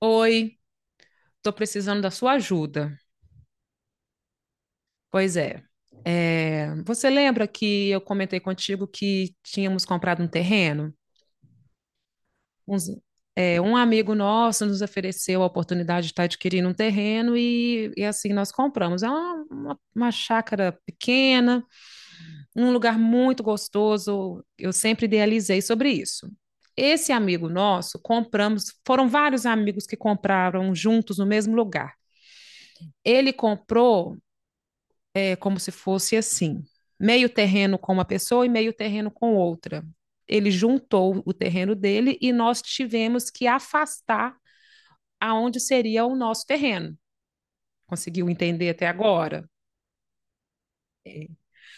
Oi, estou precisando da sua ajuda. Pois você lembra que eu comentei contigo que tínhamos comprado um terreno? Uns- Um amigo nosso nos ofereceu a oportunidade de estar adquirindo um terreno e assim nós compramos. É uma chácara pequena, um lugar muito gostoso. Eu sempre idealizei sobre isso. Esse amigo nosso, compramos, foram vários amigos que compraram juntos no mesmo lugar. Ele comprou é como se fosse assim: meio terreno com uma pessoa e meio terreno com outra. Ele juntou o terreno dele e nós tivemos que afastar aonde seria o nosso terreno. Conseguiu entender até agora?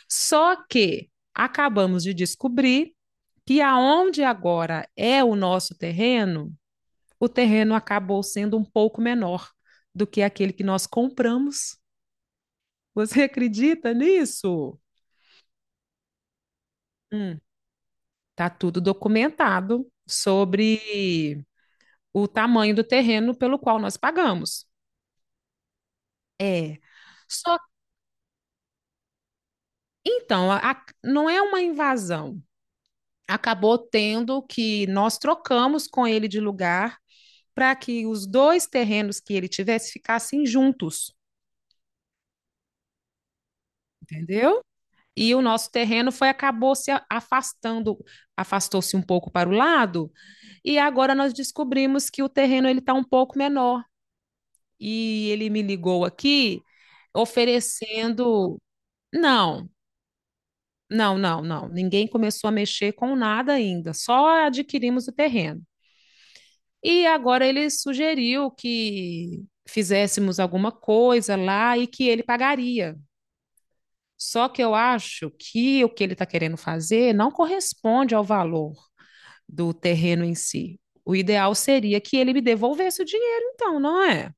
Só que acabamos de descobrir que aonde agora é o nosso terreno, o terreno acabou sendo um pouco menor do que aquele que nós compramos. Você acredita nisso? Hum. Tá tudo documentado sobre o tamanho do terreno pelo qual nós pagamos. É. Só então, a- Não é uma invasão. Acabou tendo que nós trocamos com ele de lugar para que os dois terrenos que ele tivesse ficassem juntos, entendeu? E o nosso terreno foi acabou se afastando, afastou-se um pouco para o lado, e agora nós descobrimos que o terreno ele está um pouco menor. E ele me ligou aqui oferecendo. Não, não, não, não. Ninguém começou a mexer com nada ainda, só adquirimos o terreno. E agora ele sugeriu que fizéssemos alguma coisa lá e que ele pagaria. Só que eu acho que o que ele está querendo fazer não corresponde ao valor do terreno em si. O ideal seria que ele me devolvesse o dinheiro, então, não é?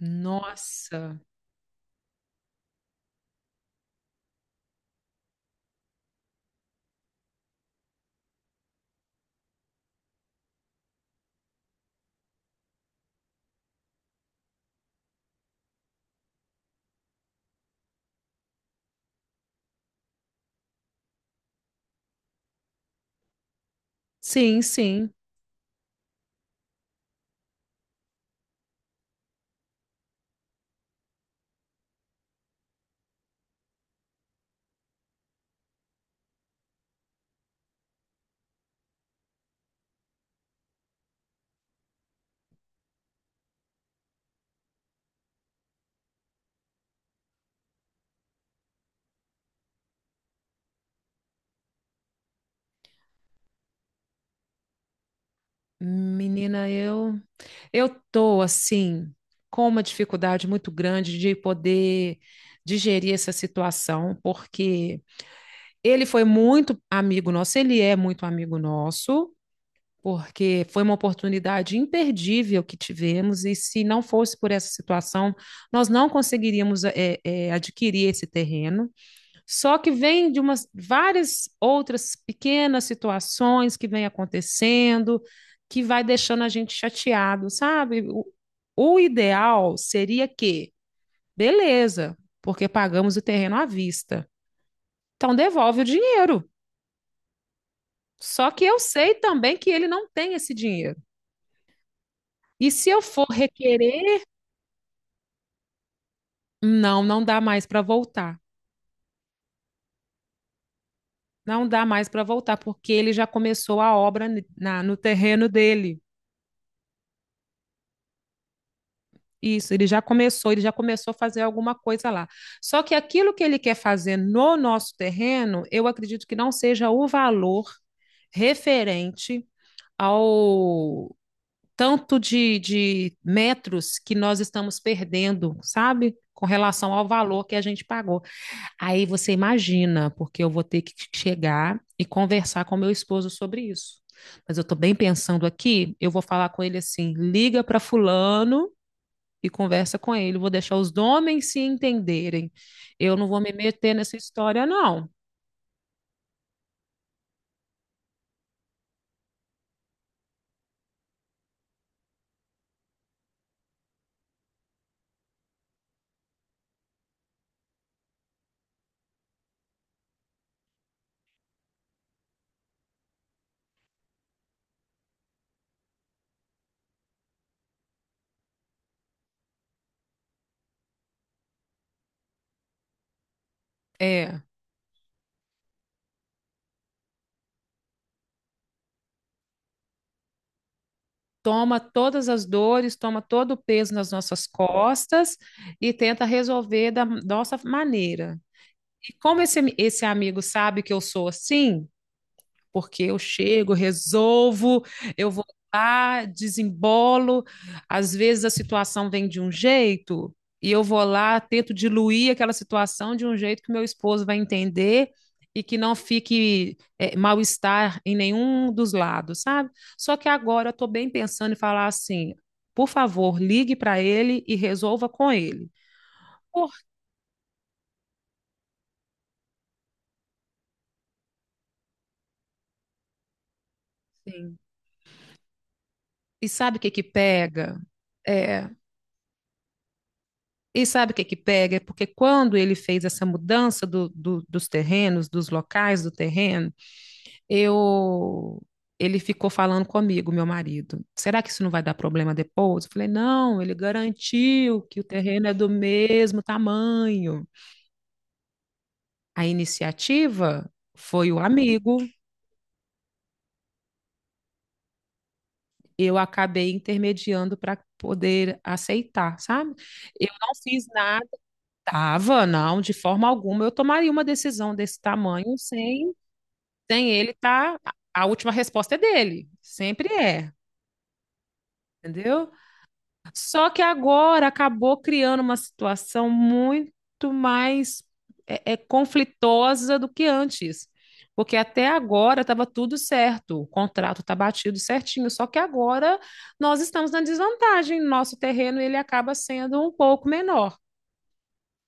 Nossa. Sim, sim. Menina, eu tô assim com uma dificuldade muito grande de poder digerir essa situação, porque ele foi muito amigo nosso, ele é muito amigo nosso, porque foi uma oportunidade imperdível que tivemos, e se não fosse por essa situação, nós não conseguiríamos adquirir esse terreno. Só que vem de umas várias outras pequenas situações que vem acontecendo, que vai deixando a gente chateado, sabe? O ideal seria que, beleza, porque pagamos o terreno à vista. Então devolve o dinheiro. Só que eu sei também que ele não tem esse dinheiro. E se eu for requerer, não, não dá mais para voltar. Não dá mais para voltar, porque ele já começou a obra no terreno dele. Isso, ele já começou a fazer alguma coisa lá. Só que aquilo que ele quer fazer no nosso terreno, eu acredito que não seja o valor referente ao tanto de metros que nós estamos perdendo, sabe? Com relação ao valor que a gente pagou. Aí você imagina, porque eu vou ter que chegar e conversar com meu esposo sobre isso. Mas eu estou bem pensando aqui, eu vou falar com ele assim: liga para fulano e conversa com ele. Vou deixar os homens se entenderem. Eu não vou me meter nessa história, não. É, toma todas as dores, toma todo o peso nas nossas costas e tenta resolver da nossa maneira. E como esse amigo sabe que eu sou assim, porque eu chego, resolvo, eu vou lá, desembolo. Às vezes a situação vem de um jeito e eu vou lá, tento diluir aquela situação de um jeito que meu esposo vai entender e que não fique mal-estar em nenhum dos lados, sabe? Só que agora eu estou bem pensando em falar assim, por favor, ligue para ele e resolva com ele. Por quê? E sabe o que que pega? É, E sabe o que que pega? É porque quando ele fez essa mudança do, dos terrenos, dos locais do terreno, eu ele ficou falando comigo, meu marido. Será que isso não vai dar problema depois? Eu falei, não, ele garantiu que o terreno é do mesmo tamanho. A iniciativa foi o amigo, eu acabei intermediando para poder aceitar, sabe? Eu não fiz nada, tava, não, de forma alguma eu tomaria uma decisão desse tamanho sem ele, tá. A última resposta é dele. Sempre é, entendeu? Só que agora acabou criando uma situação muito mais conflitosa do que antes. Porque até agora estava tudo certo, o contrato está batido certinho, só que agora nós estamos na desvantagem, nosso terreno ele acaba sendo um pouco menor.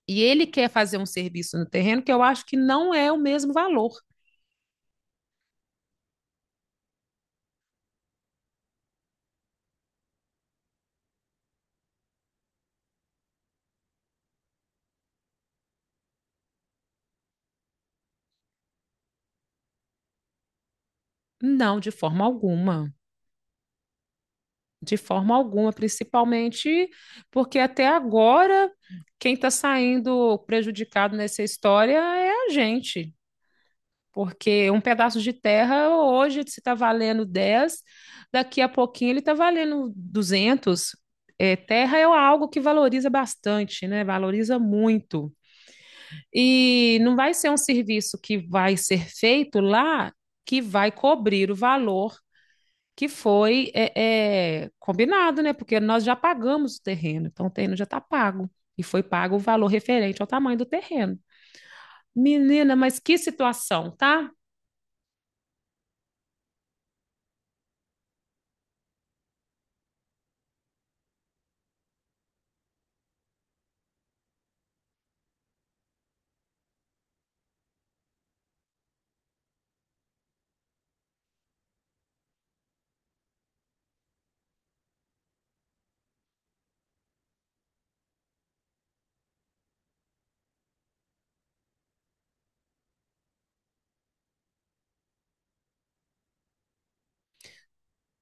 E ele quer fazer um serviço no terreno que eu acho que não é o mesmo valor. Não, de forma alguma. De forma alguma, principalmente porque até agora quem está saindo prejudicado nessa história é a gente. Porque um pedaço de terra hoje se está valendo 10, daqui a pouquinho ele está valendo 200. É, terra é algo que valoriza bastante, né? Valoriza muito. E não vai ser um serviço que vai ser feito lá que vai cobrir o valor que foi combinado, né? Porque nós já pagamos o terreno, então o terreno já está pago. E foi pago o valor referente ao tamanho do terreno. Menina, mas que situação, tá?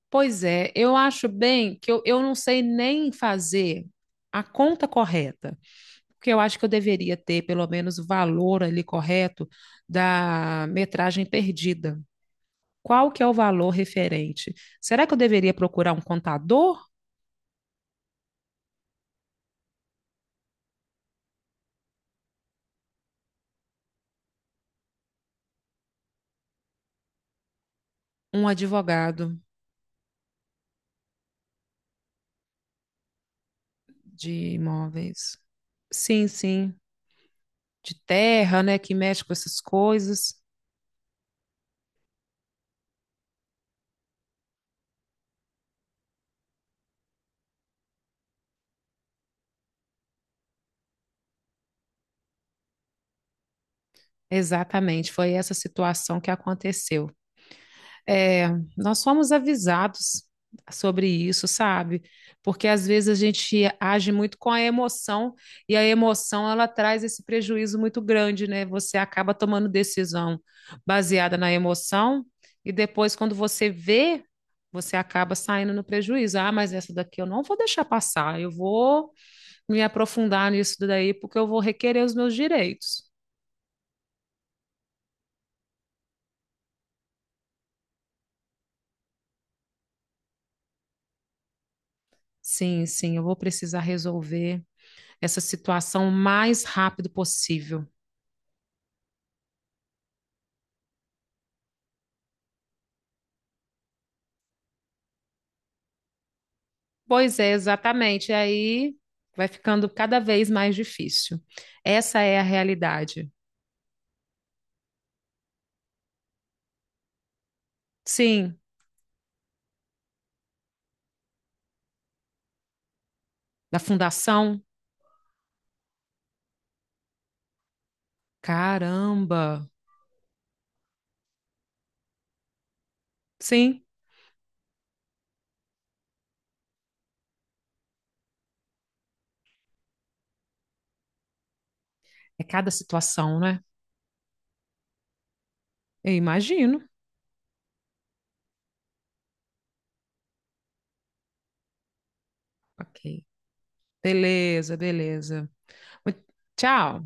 Pois é, eu acho bem que eu não sei nem fazer a conta correta, porque eu acho que eu deveria ter pelo menos o valor ali correto da metragem perdida. Qual que é o valor referente? Será que eu deveria procurar um contador, um advogado de imóveis? Sim, sim, de terra, né, que mexe com essas coisas. Exatamente, foi essa situação que aconteceu. É, nós fomos avisados sobre isso, sabe? Porque às vezes a gente age muito com a emoção e a emoção ela traz esse prejuízo muito grande, né? Você acaba tomando decisão baseada na emoção e depois quando você vê, você acaba saindo no prejuízo. Ah, mas essa daqui eu não vou deixar passar. Eu vou me aprofundar nisso daí porque eu vou requerer os meus direitos. Sim, sim, eu vou precisar resolver essa situação o mais rápido possível. Pois é, exatamente. E aí vai ficando cada vez mais difícil. Essa é a realidade. Sim, da fundação. Caramba! Sim, é cada situação, né? Eu imagino. Ok. Beleza, beleza. Tchau.